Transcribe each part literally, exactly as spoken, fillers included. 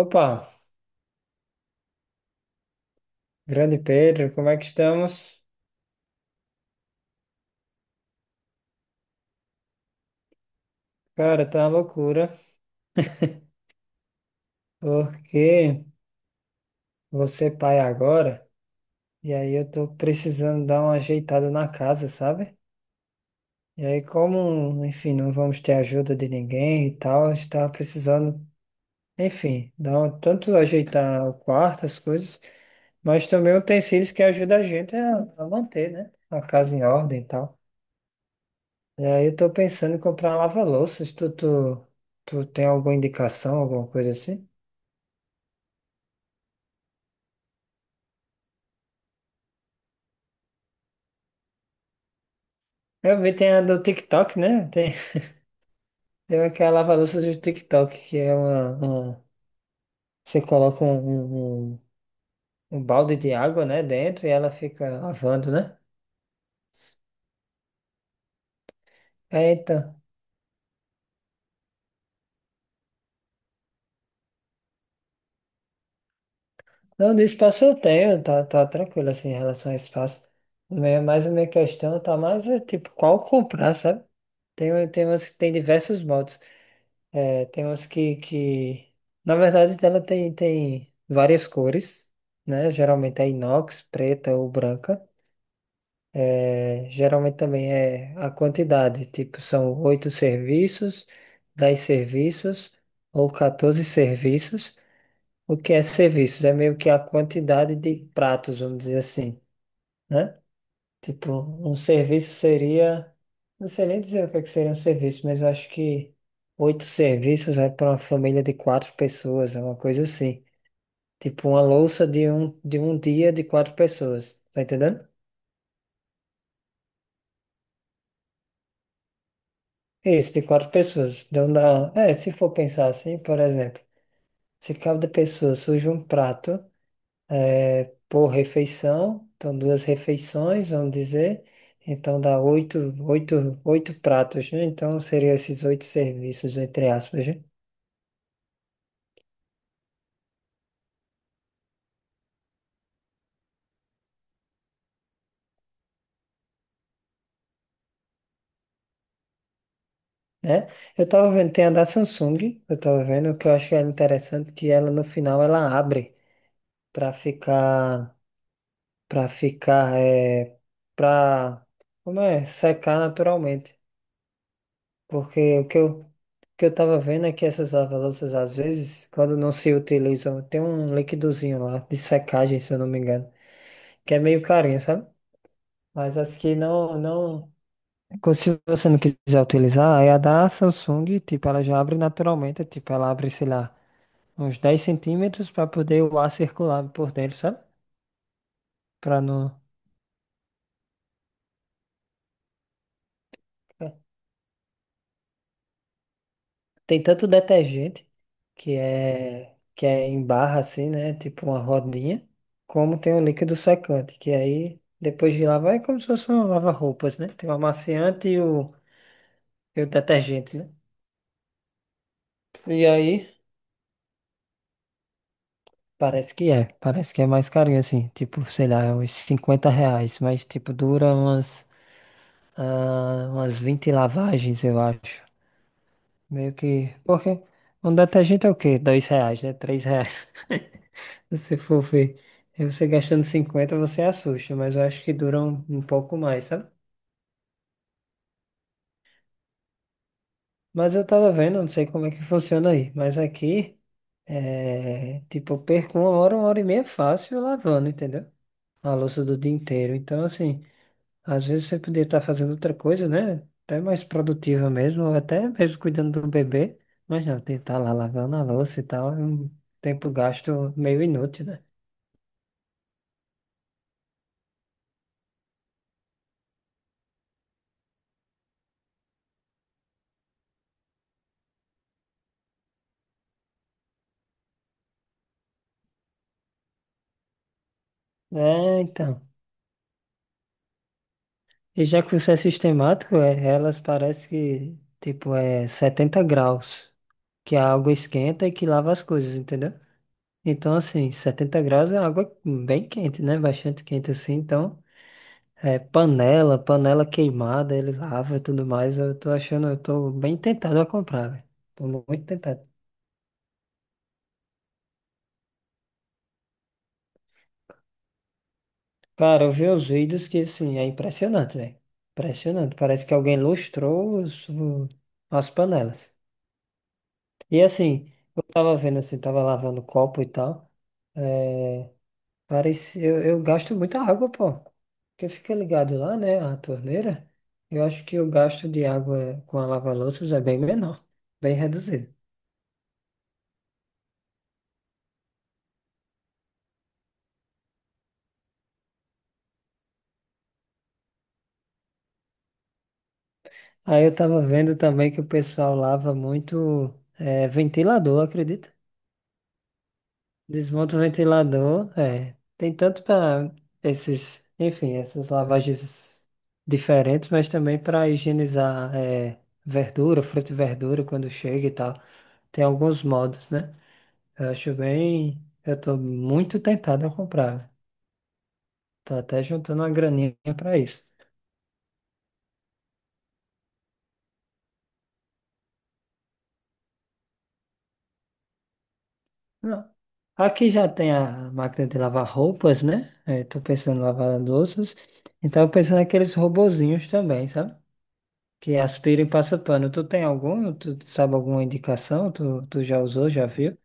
Opa, grande Pedro, como é que estamos? Cara, tá uma loucura, porque você é pai agora, e aí eu tô precisando dar uma ajeitada na casa, sabe? E aí, como, enfim, não vamos ter ajuda de ninguém e tal, a gente tava precisando, enfim, dar um, tanto ajeitar o quarto, as coisas, mas também utensílios que ajudam a gente a, a manter, né? A casa em ordem e tal. E aí eu tô pensando em comprar lava-louças, tu, tu, tu tem alguma indicação, alguma coisa assim? Eu vi, tem a do TikTok, né? Tem, tem aquela lava-louças do TikTok, que é uma, uma- Você coloca um, um, um um balde de água, né, dentro e ela fica lavando, né? É, então. Não, do espaço eu tenho, tá, tá tranquilo, assim, em relação ao espaço. Minha- Mas a minha questão tá mais, é, tipo, qual comprar, sabe? Tem, tem umas que tem diversos modos. É, tem umas que, que... Na verdade, ela tem, tem várias cores, né? Geralmente é inox, preta ou branca. É, geralmente também é a quantidade, tipo, são oito serviços, dez serviços ou quatorze serviços. O que é serviços? É meio que a quantidade de pratos, vamos dizer assim, né? Tipo, um serviço seria. Não sei nem dizer o que é que seria um serviço, mas eu acho que oito serviços é para uma família de quatro pessoas, é uma coisa assim. Tipo, uma louça de um, de um dia de quatro pessoas, tá entendendo? Isso, de quatro pessoas. Então dá. É, se for pensar assim, por exemplo, se cada pessoa surge um prato é, por refeição, então duas refeições, vamos dizer, então dá oito, oito, oito pratos, né? Então seriam esses oito serviços, entre aspas, né? Né? Eu tava vendo, tem a da Samsung, eu tava vendo, que eu acho ela interessante, que ela no final ela abre para ficar, para ficar, é, para, como é, secar naturalmente. Porque o que eu, o que eu tava vendo é que essas lava-louças, às vezes, quando não se utilizam, tem um liquidozinho lá de secagem, se eu não me engano, que é meio carinho, sabe? Mas as que não, não, se você não quiser utilizar, aí a da Samsung, tipo, ela já abre naturalmente, tipo, ela abre, sei lá, uns dez centímetros para poder o ar circular por dentro, sabe? Para não. É. Tem tanto detergente, que é, que é em barra assim, né? Tipo uma rodinha, como tem o líquido secante, que aí depois de lavar é como se fosse um lava-roupas, né? Tem o amaciante e o, e o detergente, né? E aí, parece que é, parece que é mais carinho assim, tipo, sei lá, é uns cinquenta reais, mas tipo, dura umas, ah, umas vinte lavagens, eu acho. Meio que, porque um detergente é o quê? Dois reais, né? Três reais. Se você for ver, aí você gastando cinquenta você assusta, mas eu acho que dura um, um pouco mais, sabe? Mas eu tava vendo, não sei como é que funciona aí, mas aqui, é, tipo, eu perco uma hora, uma hora e meia fácil lavando, entendeu? A louça do dia inteiro. Então, assim, às vezes você poderia estar fazendo outra coisa, né? Até mais produtiva mesmo, ou até mesmo cuidando do bebê, mas não, tem que estar lá lavando a louça e tal, é um tempo gasto meio inútil, né? É, então. E já que você é sistemático, é, elas parece que, tipo, é setenta graus, que a água esquenta e que lava as coisas, entendeu? Então, assim, setenta graus é água bem quente, né? Bastante quente, assim. Então, é panela, panela queimada, ele lava e tudo mais. Eu tô achando, eu tô bem tentado a comprar, velho. Tô muito tentado. Cara, eu vi os vídeos que, assim, é impressionante, velho. Impressionante. Parece que alguém lustrou os, o- as panelas. E assim, eu tava vendo assim, tava lavando copo e tal. É, parece, eu, eu gasto muita água, pô. Porque fica ligado lá, né? A torneira. Eu acho que o gasto de água com a lava-louças é bem menor, bem reduzido. Aí eu tava vendo também que o pessoal lava muito, é, ventilador, acredita? Desmonta o ventilador, é. Tem tanto para esses, enfim, essas lavagens diferentes, mas também para higienizar é, verdura, fruta e verdura quando chega e tal. Tem alguns modos, né? Eu acho bem. Eu tô muito tentado a comprar. Tô até juntando uma graninha para isso. Não. Aqui já tem a máquina de lavar roupas, né? É, tô pensando em lavar louças. Então, eu pensando naqueles robozinhos também, sabe? Que é aspira e passa pano. Tu tem algum? Tu tu sabe alguma indicação? Tu, tu já usou, já viu?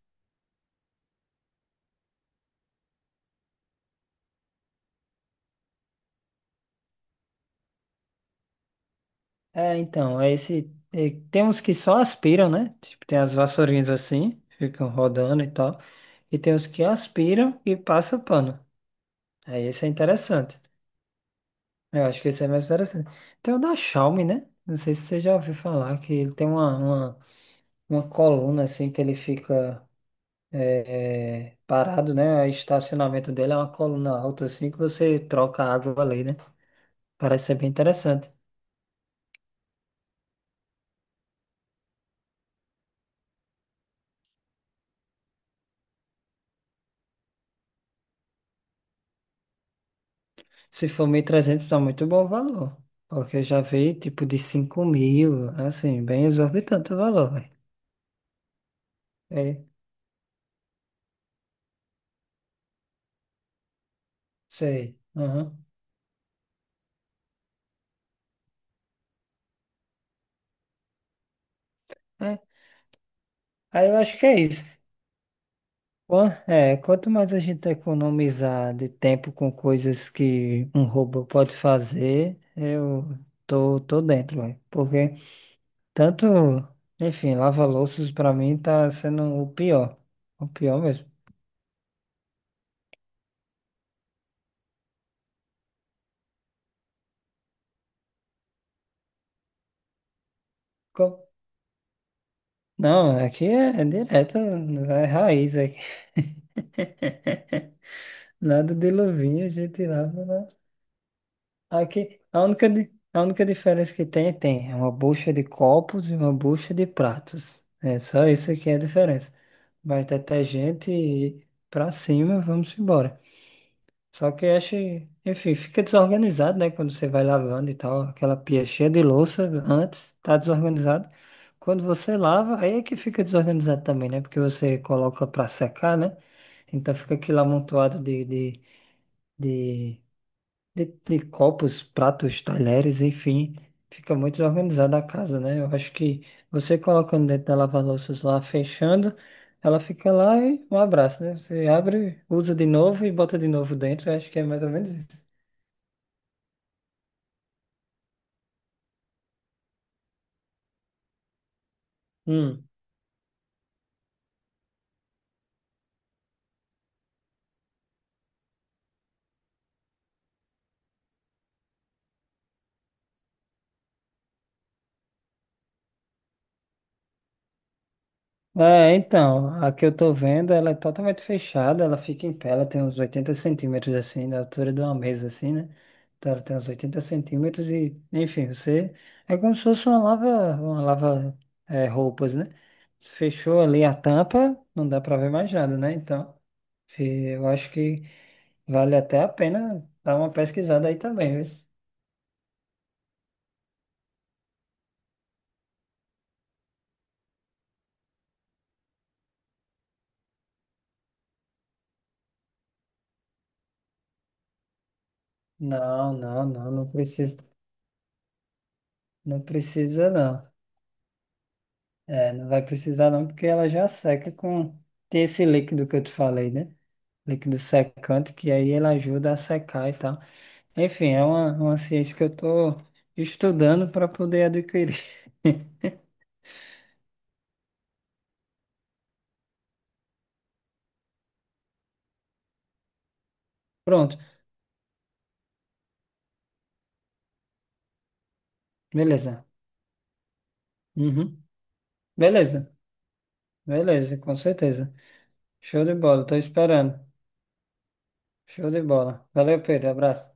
É, então, é esse. É, tem uns que só aspiram, né? Tipo, tem as vassourinhas assim, ficam rodando e tal. E tem os que aspiram e passa pano. Aí esse é interessante. Eu acho que esse é mais interessante. Tem o da Xiaomi, né? Não sei se você já ouviu falar, que ele tem uma, uma, uma coluna assim que ele fica. é, é, parado, né? O estacionamento dele é uma coluna alta assim que você troca a água ali, né? Parece ser bem interessante. Se for mil e trezentos tá muito bom o valor. Porque eu já vi tipo de cinco mil, assim, bem exorbitante o valor, velho. É, sei. Aham. É, aí eu acho que é isso. Quan- É, quanto mais a gente economizar de tempo com coisas que um robô pode fazer, eu tô, tô dentro, velho. Porque tanto, enfim, lava-louças pra mim tá sendo o pior. O pior mesmo. Não, aqui é, é direto, é raiz aqui. Nada de luvinha, a gente lava, né? Aqui, a única, di- a única diferença que tem, tem. É uma bucha de copos e uma bucha de pratos. É só isso que é a diferença. Mas detergente e pra cima, vamos embora. Só que acho, enfim, fica desorganizado, né? Quando você vai lavando e tal, aquela pia cheia de louça antes, tá desorganizado. Quando você lava, aí é que fica desorganizado também, né? Porque você coloca pra secar, né? Então fica aquilo amontoado de, de, de de, de copos, pratos, talheres, enfim, fica muito desorganizada a casa, né? Eu acho que você colocando dentro da lava-louças lá, fechando, ela fica lá e um abraço, né? Você abre, usa de novo e bota de novo dentro. Eu acho que é mais ou menos isso. Hum. É, então, a que eu tô vendo, ela é totalmente fechada, ela fica em pé, ela tem uns oitenta centímetros, assim, da altura de uma mesa, assim, né? Então ela tem uns oitenta centímetros e, enfim, você... É como se fosse uma lava, uma lava, é, roupas, né? Fechou ali a tampa, não dá pra ver mais nada, né? Então, fi- eu acho que vale até a pena dar uma pesquisada aí também, viu? Não, não, não, não precisa, não precisa, não. É, não vai precisar não, porque ela já seca com... Tem esse líquido que eu te falei, né? Líquido secante, que aí ele ajuda a secar e tal. Enfim, é uma, uma ciência que eu tô estudando para poder adquirir. Pronto, beleza. Uhum. Beleza, beleza, com certeza. Show de bola, tô esperando. Show de bola. Valeu, Pedro, abraço.